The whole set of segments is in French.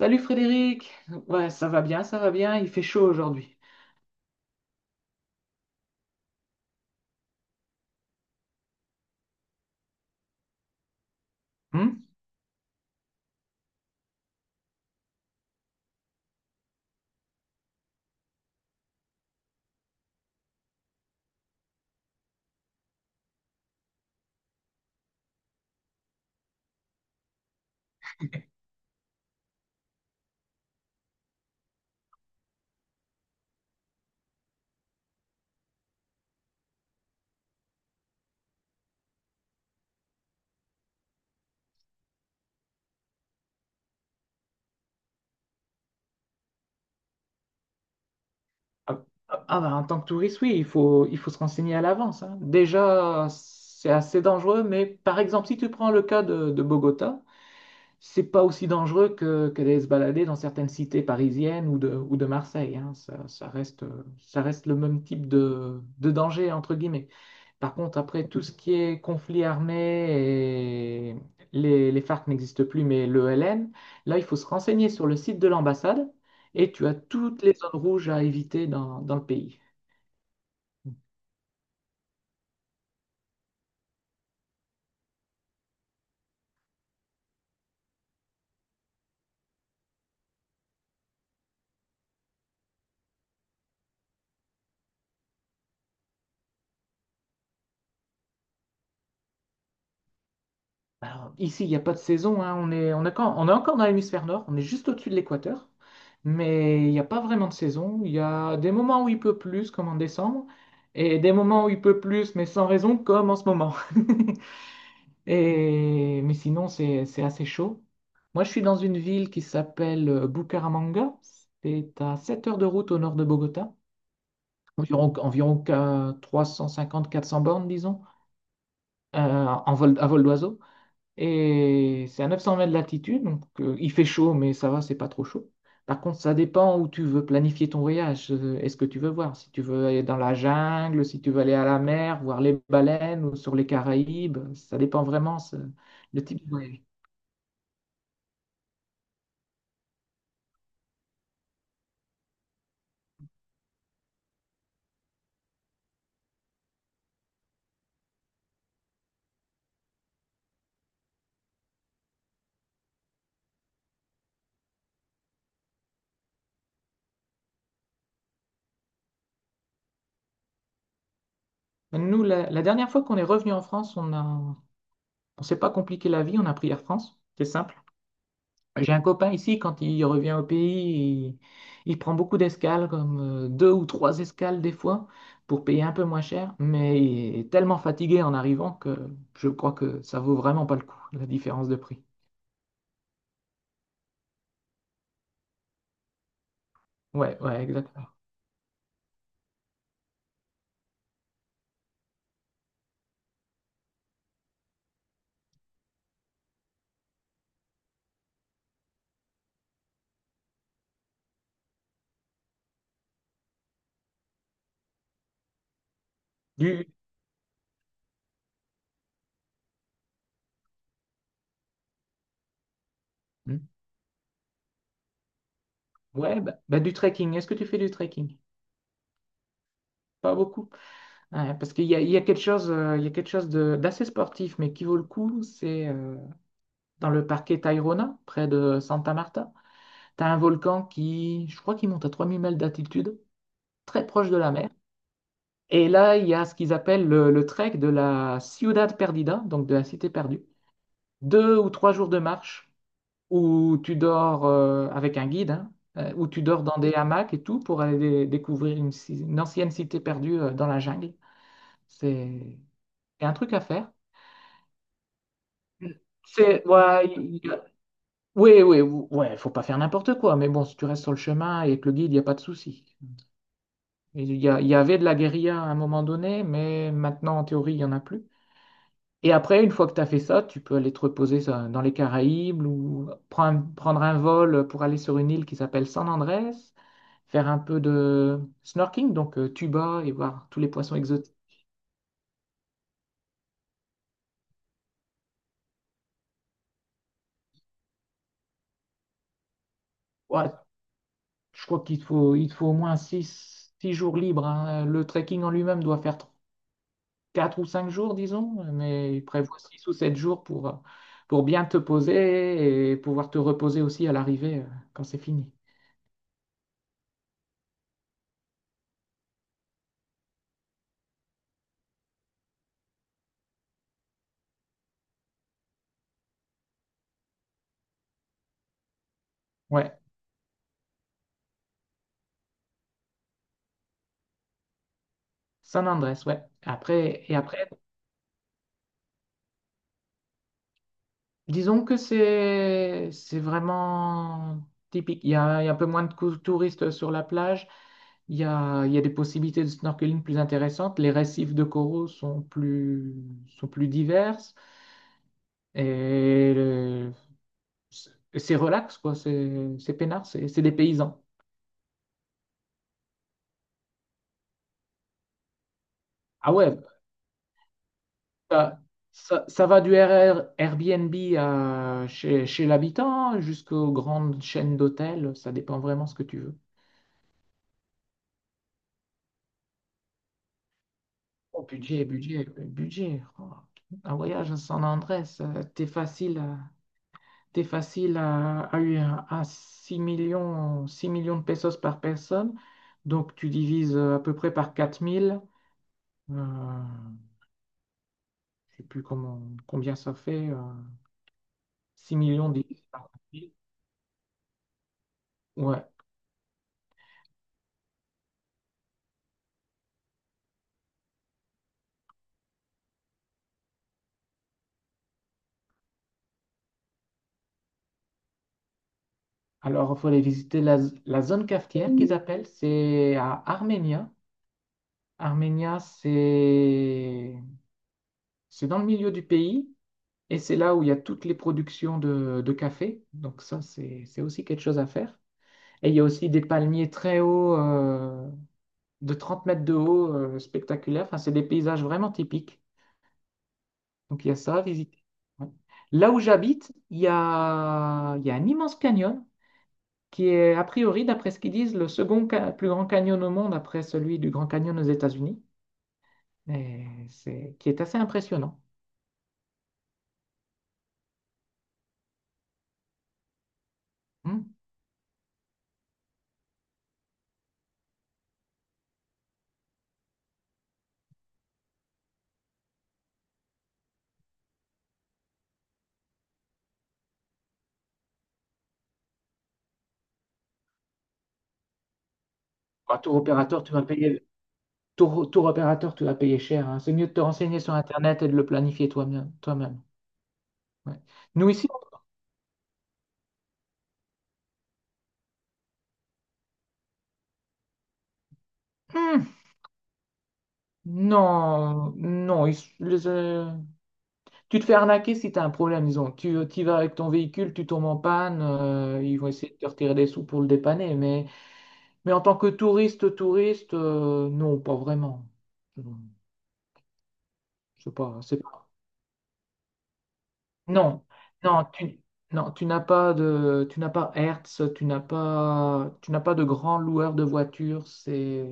Salut Frédéric! Ouais, ça va bien, il fait chaud aujourd'hui. Hmm. Ah, ah, ah bah, en tant que touriste, oui, il faut se renseigner à l'avance, hein. Déjà, c'est assez dangereux, mais par exemple, si tu prends le cas de Bogota, c'est pas aussi dangereux que d'aller se balader dans certaines cités parisiennes ou de Marseille, hein. Ça, ça reste le même type de danger, entre guillemets. Par contre, après, tout ce qui est conflit armé, et les FARC n'existent plus, mais le LN, là, il faut se renseigner sur le site de l'ambassade et tu as toutes les zones rouges à éviter dans le pays. Alors, ici, il n'y a pas de saison, hein. On est encore dans l'hémisphère nord, on est juste au-dessus de l'équateur, mais il n'y a pas vraiment de saison. Il y a des moments où il peut plus, comme en décembre, et des moments où il peut plus, mais sans raison, comme en ce moment. Mais sinon, c'est assez chaud. Moi, je suis dans une ville qui s'appelle Bucaramanga. C'est à 7 heures de route au nord de Bogota, environ 350, quatre 400 bornes, disons, à vol d'oiseau. Et c'est à 900 mètres d'altitude, donc il fait chaud, mais ça va, c'est pas trop chaud. Par contre, ça dépend où tu veux planifier ton voyage. Est-ce que tu veux voir? Si tu veux aller dans la jungle, si tu veux aller à la mer, voir les baleines ou sur les Caraïbes, ça dépend vraiment le type de voyage. Nous, la dernière fois qu'on est revenu en France, on s'est pas compliqué la vie, on a pris Air France. C'est simple. J'ai un copain ici, quand il revient au pays, il prend beaucoup d'escales, comme deux ou trois escales des fois, pour payer un peu moins cher, mais il est tellement fatigué en arrivant que je crois que ça vaut vraiment pas le coup, la différence de prix. Ouais, ouais, exactement. Du, Hmm. Ouais, bah, bah, du trekking. Est-ce que tu fais du trekking? Pas beaucoup. Ouais, parce qu'il y a, il y a quelque chose, il y a quelque chose d'assez sportif, mais qui vaut le coup, c'est dans le parquet Tayrona, près de Santa Marta. T'as un volcan qui, je crois qu'il monte à 3000 mètres d'altitude, très proche de la mer. Et là, il y a ce qu'ils appellent le trek de la Ciudad Perdida, donc de la cité perdue. Deux ou trois jours de marche où tu dors avec un guide, hein, où tu dors dans des hamacs et tout pour aller découvrir une ancienne cité perdue dans la jungle. C'est c'est un truc à faire. Ouais, oui, oui, ouais, faut pas faire n'importe quoi, mais bon, si tu restes sur le chemin et que le guide, il n'y a pas de souci. Il y avait de la guérilla à un moment donné, mais maintenant, en théorie, il n'y en a plus. Et après, une fois que tu as fait ça, tu peux aller te reposer ça, dans les Caraïbes ou prendre un vol pour aller sur une île qui s'appelle San Andrés, faire un peu de snorkeling, donc tuba et voir tous les poissons exotiques. Ouais, je crois qu'il te faut au moins 6 jours libres, hein. Le trekking en lui-même doit faire 4 ou 5 jours, disons, mais il prévoit 6 ou 7 jours pour bien te poser et pouvoir te reposer aussi à l'arrivée quand c'est fini. Ouais, San Andrés, ouais. Après, et après, disons que c'est vraiment typique. Il y a un peu moins de touristes sur la plage. Il y a des possibilités de snorkeling plus intéressantes. Les récifs de coraux sont plus diverses. Et le- c'est c'est relax, quoi. C'est peinard, c'est des paysans. Ah ouais, bah, ça va du RR Airbnb à chez l'habitant jusqu'aux grandes chaînes d'hôtels, ça dépend vraiment ce que tu veux. Oh, budget, budget, budget. Oh, un voyage à San Andrés, t'es facile à 6 millions, 6 millions de pesos par personne. Donc tu divises à peu près par 4 000. Euh, je sais plus comment, combien ça fait. 6 millions divisé par 4 000. Ouais. Alors, il faut aller visiter la zone cafetière qu'ils appellent, c'est à Arménia. Arménia, c'est dans le milieu du pays et c'est là où il y a toutes les productions de café. Donc ça, c'est aussi quelque chose à faire. Et il y a aussi des palmiers très hauts, de 30 mètres de haut, spectaculaires. Enfin, c'est des paysages vraiment typiques. Donc il y a ça à visiter. Ouais. Là où j'habite, il y a un immense canyon qui est a priori, d'après ce qu'ils disent, le second plus grand canyon au monde après celui du Grand Canyon aux États-Unis, et qui est assez impressionnant. Hmm. Bah, tour opérateur, tu vas payer, tour, tour opérateur, tu vas payer cher, hein. C'est mieux de te renseigner sur Internet et de le planifier toi-même. Toi-même. Ouais. Nous ici, hmm, non, non. Tu te fais arnaquer si tu as un problème, disons. Tu y vas avec ton véhicule, tu tombes en panne, ils vont essayer de te retirer des sous pour le dépanner, mais en tant que touriste, non, pas vraiment. Je sais pas, c'est pas. Non, non, tu n'as pas Hertz, tu n'as pas de grand loueur de voitures. C'est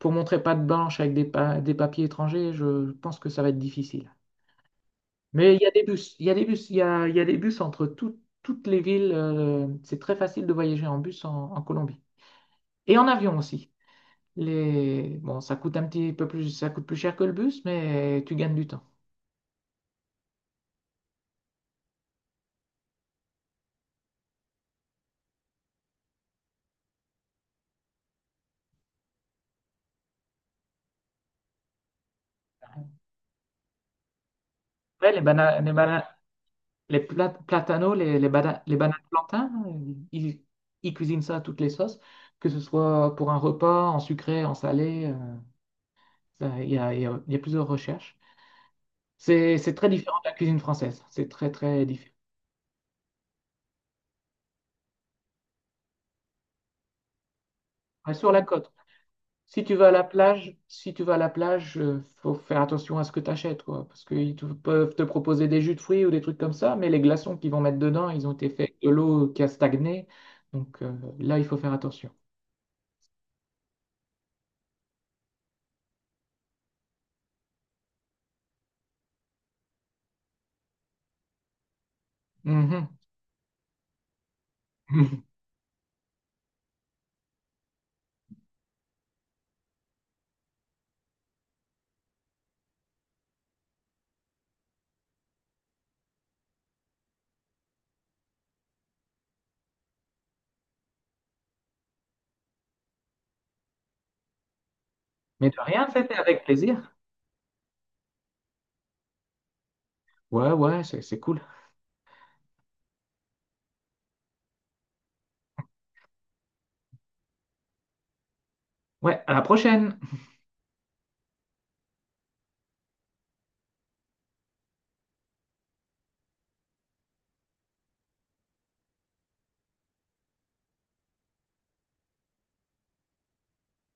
pour montrer patte blanche avec des papiers étrangers. Je pense que ça va être difficile. Mais il y a des bus, il y a des bus, il y a des bus entre toutes les villes. C'est très facile de voyager en bus en Colombie et en avion aussi. Bon, ça coûte plus cher que le bus, mais tu gagnes du temps. Ouais, les bana- les bana- les pla- platanos, les bananes plantains, ils cuisinent ça à toutes les sauces, que ce soit pour un repas, en sucré, en salé. Il y a, il y a plusieurs recherches. C'est très différent de la cuisine française. C'est très, très différent. Ouais, sur la côte. Si tu vas à la plage, si tu vas à la plage, faut faire attention à ce que tu achètes, quoi, parce qu'ils peuvent te proposer des jus de fruits ou des trucs comme ça, mais les glaçons qu'ils vont mettre dedans, ils ont été faits avec de l'eau qui a stagné, donc là, il faut faire attention. Mhm. Mais de rien, c'était avec plaisir. Ouais, ouais, c'est cool. Ouais, à la prochaine!